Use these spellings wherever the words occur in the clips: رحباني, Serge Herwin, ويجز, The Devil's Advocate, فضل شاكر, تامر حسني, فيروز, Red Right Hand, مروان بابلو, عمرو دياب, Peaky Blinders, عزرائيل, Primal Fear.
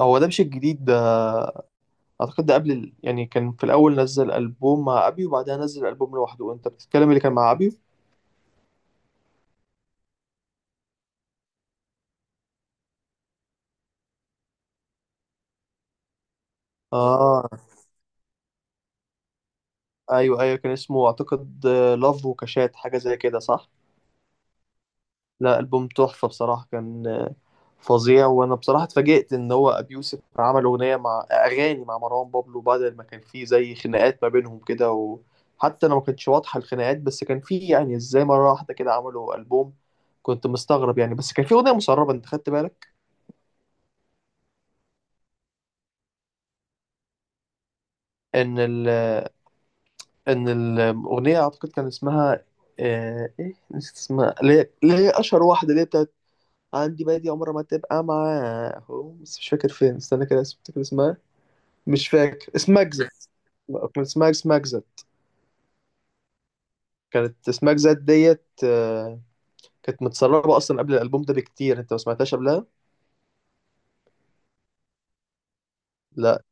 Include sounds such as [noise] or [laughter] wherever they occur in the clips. هو ده مش الجديد ده. اعتقد ده قبل يعني كان في الاول نزل البوم مع ابيو وبعدها نزل البوم لوحده. انت بتتكلم اللي كان مع ابيو. اه، ايوه كان اسمه اعتقد لاف وكاشات، حاجه زي كده، صح؟ لا، البوم تحفه بصراحه، كان فظيع. وانا بصراحه اتفاجئت ان هو ابي يوسف عمل اغنيه مع، اغاني مع مروان بابلو، بعد ما كان في زي خناقات ما بينهم كده. وحتى انا ما كانتش واضحه الخناقات، بس كان في يعني، ازاي مره واحده كده عملوا البوم؟ كنت مستغرب يعني. بس كان في اغنيه مسربه، انت خدت بالك؟ ان ال ان الاغنيه اعتقد كان اسمها ايه، نسيت اسمها، اللي هي اشهر واحده، اللي هي بتاعت عندي بادي عمرها ما تبقى معاهم. بس مش فاكر فين. استنى كده، فاكر اسمها. مش فاكر اسمها. اجزت، كان اسمها اجزت. كانت اسمها اجزت ديت، كانت متسربه اصلا قبل الالبوم ده بكتير. انت ما سمعتهاش قبلها؟ لا،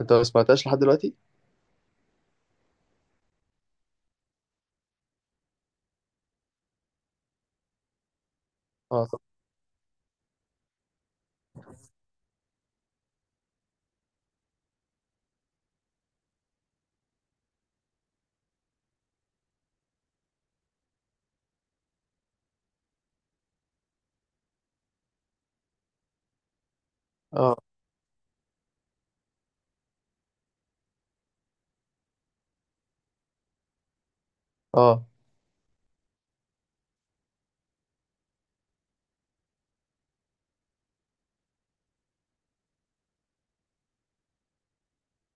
انت ما سمعتهاش لحد دلوقتي. اه، طب. اه. اه،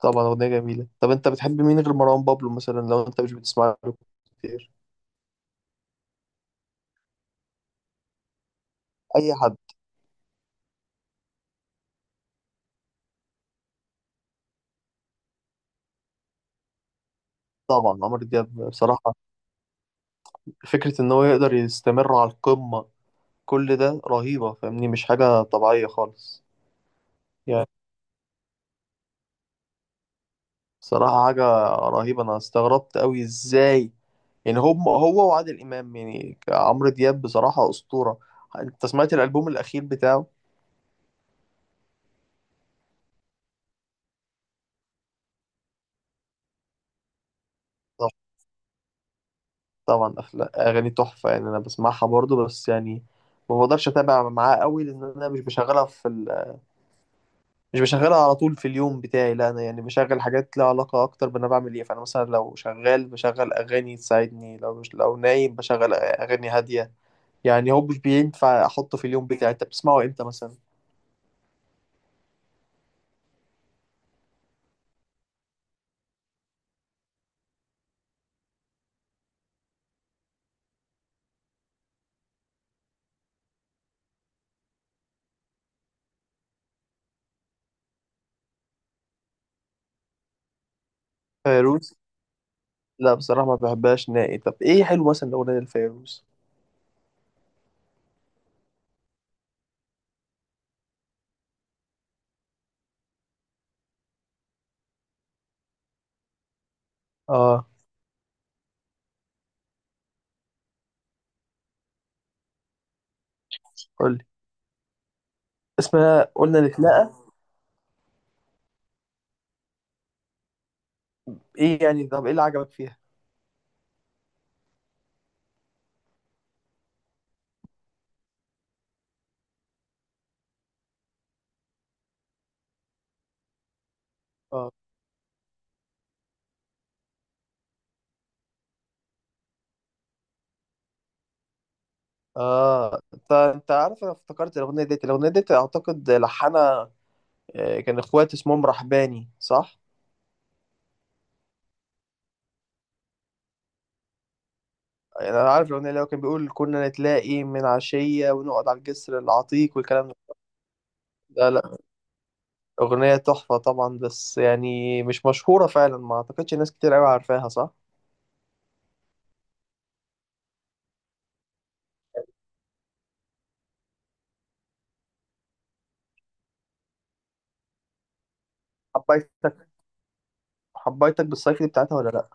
طبعا اغنيه جميله. طب انت بتحب مين غير مروان بابلو مثلا، لو انت مش بتسمع له كتير؟ اي حد. طبعا عمرو دياب بصراحة، فكرة إن هو يقدر يستمر على القمة كل ده رهيبة. فاهمني؟ مش حاجة طبيعية خالص. يعني بصراحة حاجة رهيبة. أنا استغربت أوي إزاي يعني هم، هو وعادل إمام. يعني عمرو دياب بصراحة أسطورة. أنت سمعت الألبوم الأخير بتاعه؟ طب- طبعا أغاني تحفة يعني. أنا بسمعها برضو بس يعني ما بقدرش أتابع معاه أوي، لأن أنا مش بشغلها في مش بشغلها على طول في اليوم بتاعي. لا انا يعني بشغل حاجات لها علاقة اكتر بانا بعمل ايه. فانا مثلا لو شغال بشغل اغاني تساعدني، لو مش لو نايم بشغل اغاني هادية. يعني هو مش بينفع احطه في اليوم بتاعي. انت بتسمعه امتى مثلا؟ فيروز؟ لا بصراحة ما بحبهاش نائي. طب ايه حلو مثلا لو اغنية الفيروز؟ اه. قولي. اسمها قلنا نتلاقى. ايه يعني؟ طب ايه اللي عجبك فيها؟ اه. اه، انت عارف، انا افتكرت الاغنية ديت. الاغنية ديت اعتقد لحنها كان اخوات اسمهم رحباني، صح؟ يعني انا عارف الاغنيه اللي هو كان بيقول كنا نتلاقي من عشيه ونقعد على الجسر العتيق والكلام ده. لا، اغنيه تحفه طبعا، بس يعني مش مشهوره فعلا، ما اعتقدش ناس كتير قوي عارفاها، صح؟ حبيت، حبيتك بالصيف دي بتاعتها ولا لا؟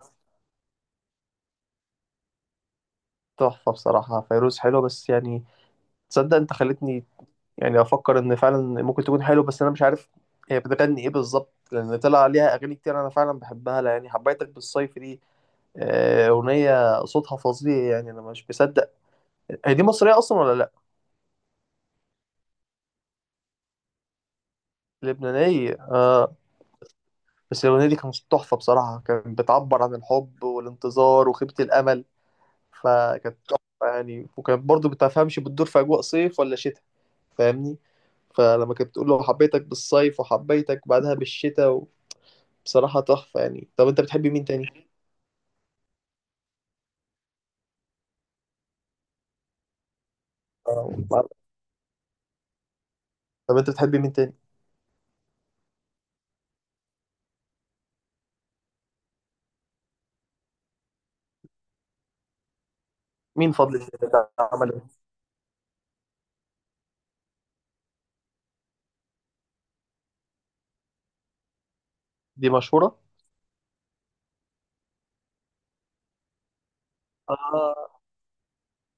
تحفه بصراحه، فيروز حلوه بس يعني، تصدق انت خلتني يعني افكر ان فعلا ممكن تكون حلوه؟ بس انا مش عارف هي بتغني ايه بالظبط، لان طلع عليها اغاني كتير. انا فعلا بحبها. لا يعني حبيتك بالصيف دي، اغنيه صوتها فظيع يعني، انا مش مصدق. هي دي مصريه اصلا ولا لا؟ لبنانية، اه. بس الأغنية دي كانت تحفة بصراحة، كانت بتعبر عن الحب والانتظار وخيبة الأمل. فكانت تحفة يعني، وكانت برضو بتفهمش بتدور في أجواء صيف ولا شتاء. فاهمني؟ فلما كانت بتقول له حبيتك بالصيف وحبيتك بعدها بالشتاء، بصراحة تحفة يعني. طب أنت بتحبي مين تاني؟ آه، طب أنت بتحبي مين تاني؟ مين فضل الشتاء ده عمل إيه؟ دي مشهورة؟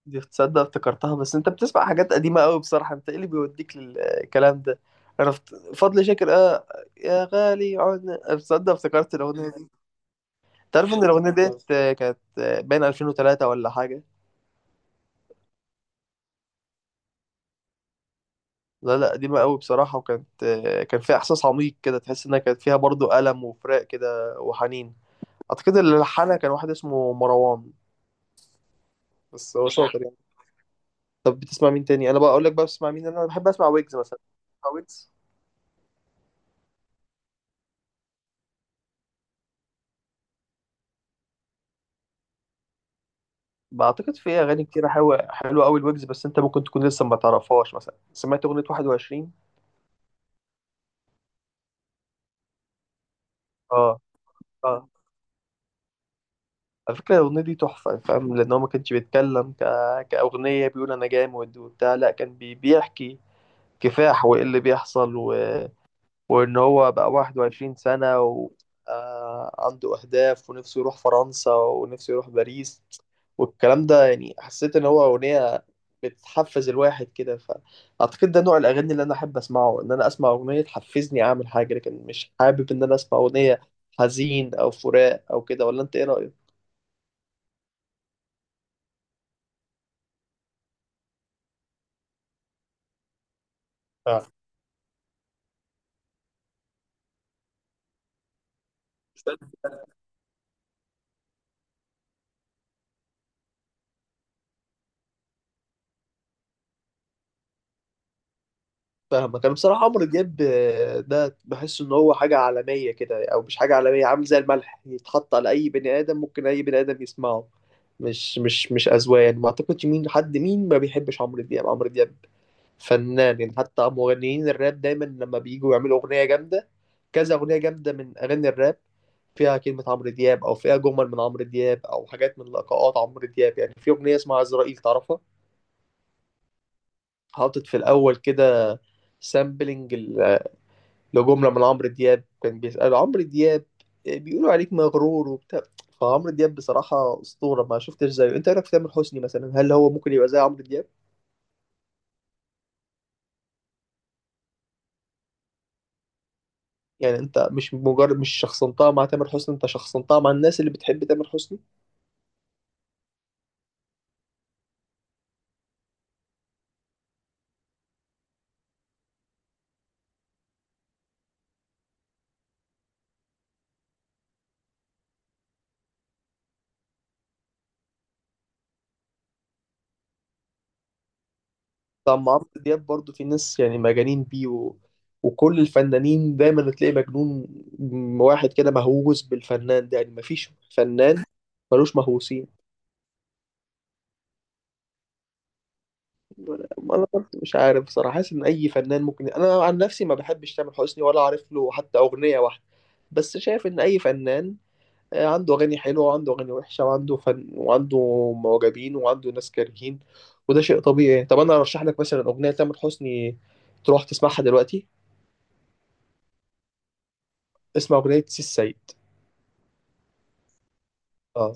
دي تصدق افتكرتها. بس انت بتسمع حاجات قديمة قوي بصراحة، انت ايه اللي بيوديك للكلام ده؟ انا فضل شاكر، اه. يا غالي عنا، تصدق افتكرت الاغنية دي. تعرف ان الاغنية ديت [laughs] كانت بين 2003 ولا حاجة. لا لا، قديمة قوي بصراحة. وكانت كان فيها احساس عميق كده، تحس انها كانت فيها برضو ألم وفراق كده وحنين. اعتقد اللي لحنها كان واحد اسمه مروان، بس هو شاطر يعني. طب بتسمع مين تاني؟ انا بقى اقول لك بقى بتسمع مين. انا بحب اسمع ويجز مثلا. بتسمع ويجز؟ بعتقد في اغاني كتير حلوه، حلوه قوي الويجز. بس انت ممكن تكون لسه ما تعرفهاش. مثلا سمعت اغنيه 21؟ اه. اه، على فكره الاغنيه دي تحفه، فاهم؟ لان هو ما كانش بيتكلم كاغنيه بيقول انا جامد وبتاع. لا، كان بيحكي كفاح وايه اللي بيحصل وإن هو بقى 21 سنة وعنده أهداف، ونفسه يروح فرنسا، ونفسه يروح باريس، والكلام ده. يعني حسيت إن هو أغنية بتحفز الواحد كده. فأعتقد ده نوع الأغاني اللي أنا أحب أسمعه، إن أنا أسمع أغنية تحفزني أعمل حاجة. لكن مش حابب إن أنا أسمع أغنية حزين أو فراق أو كده. ولا أنت إيه رأيك؟ آه. فاهمك. انا بصراحه عمرو دياب، ده بحس ان هو حاجه عالميه كده، او مش حاجه عالميه، عامل زي الملح يتحط على اي بني ادم، ممكن اي بني ادم يسمعه. مش اذواق يعني، ما اعتقدش مين حد مين ما بيحبش عمرو دياب. عمرو دياب فنان يعني. حتى مغنيين الراب دايما لما بييجوا يعملوا اغنيه جامده، كذا اغنيه جامده من اغاني الراب فيها كلمه عمرو دياب، او فيها جمل من عمرو دياب، او حاجات من لقاءات عمرو دياب. يعني في اغنيه اسمها عزرائيل، تعرفها؟ حاطط في الاول كده سامبلنج لجملة من عمرو دياب، كان بيسأله عمرو دياب، بيقولوا عليك مغرور وبتاع. فعمرو دياب بصراحة أسطورة، ما شفتش زيه. أنت إيه رأيك في تامر حسني مثلا، هل هو ممكن يبقى زي عمرو دياب؟ يعني أنت مش مجرد، مش شخصنتها مع تامر حسني، أنت شخصنتها مع الناس اللي بتحب تامر حسني. طب مع عمرو دياب برضو في ناس يعني مجانين بيه وكل الفنانين دايما تلاقي مجنون واحد كده مهووس بالفنان ده. يعني مفيش فنان ملوش مهووسين. انا برضه مش عارف بصراحه، حاسس ان اي فنان ممكن، انا عن نفسي ما بحبش تامر حسني ولا عارف له حتى اغنيه واحده، بس شايف ان اي فنان عنده اغاني حلوه وعنده اغاني وحشه، وعنده فن وعنده معجبين وعنده ناس كارهين، وده شيء طبيعي. طب انا ارشح لك مثلا اغنيه تامر حسني تروح تسمعها دلوقتي، اسمها اغنيه سي السيد. اه.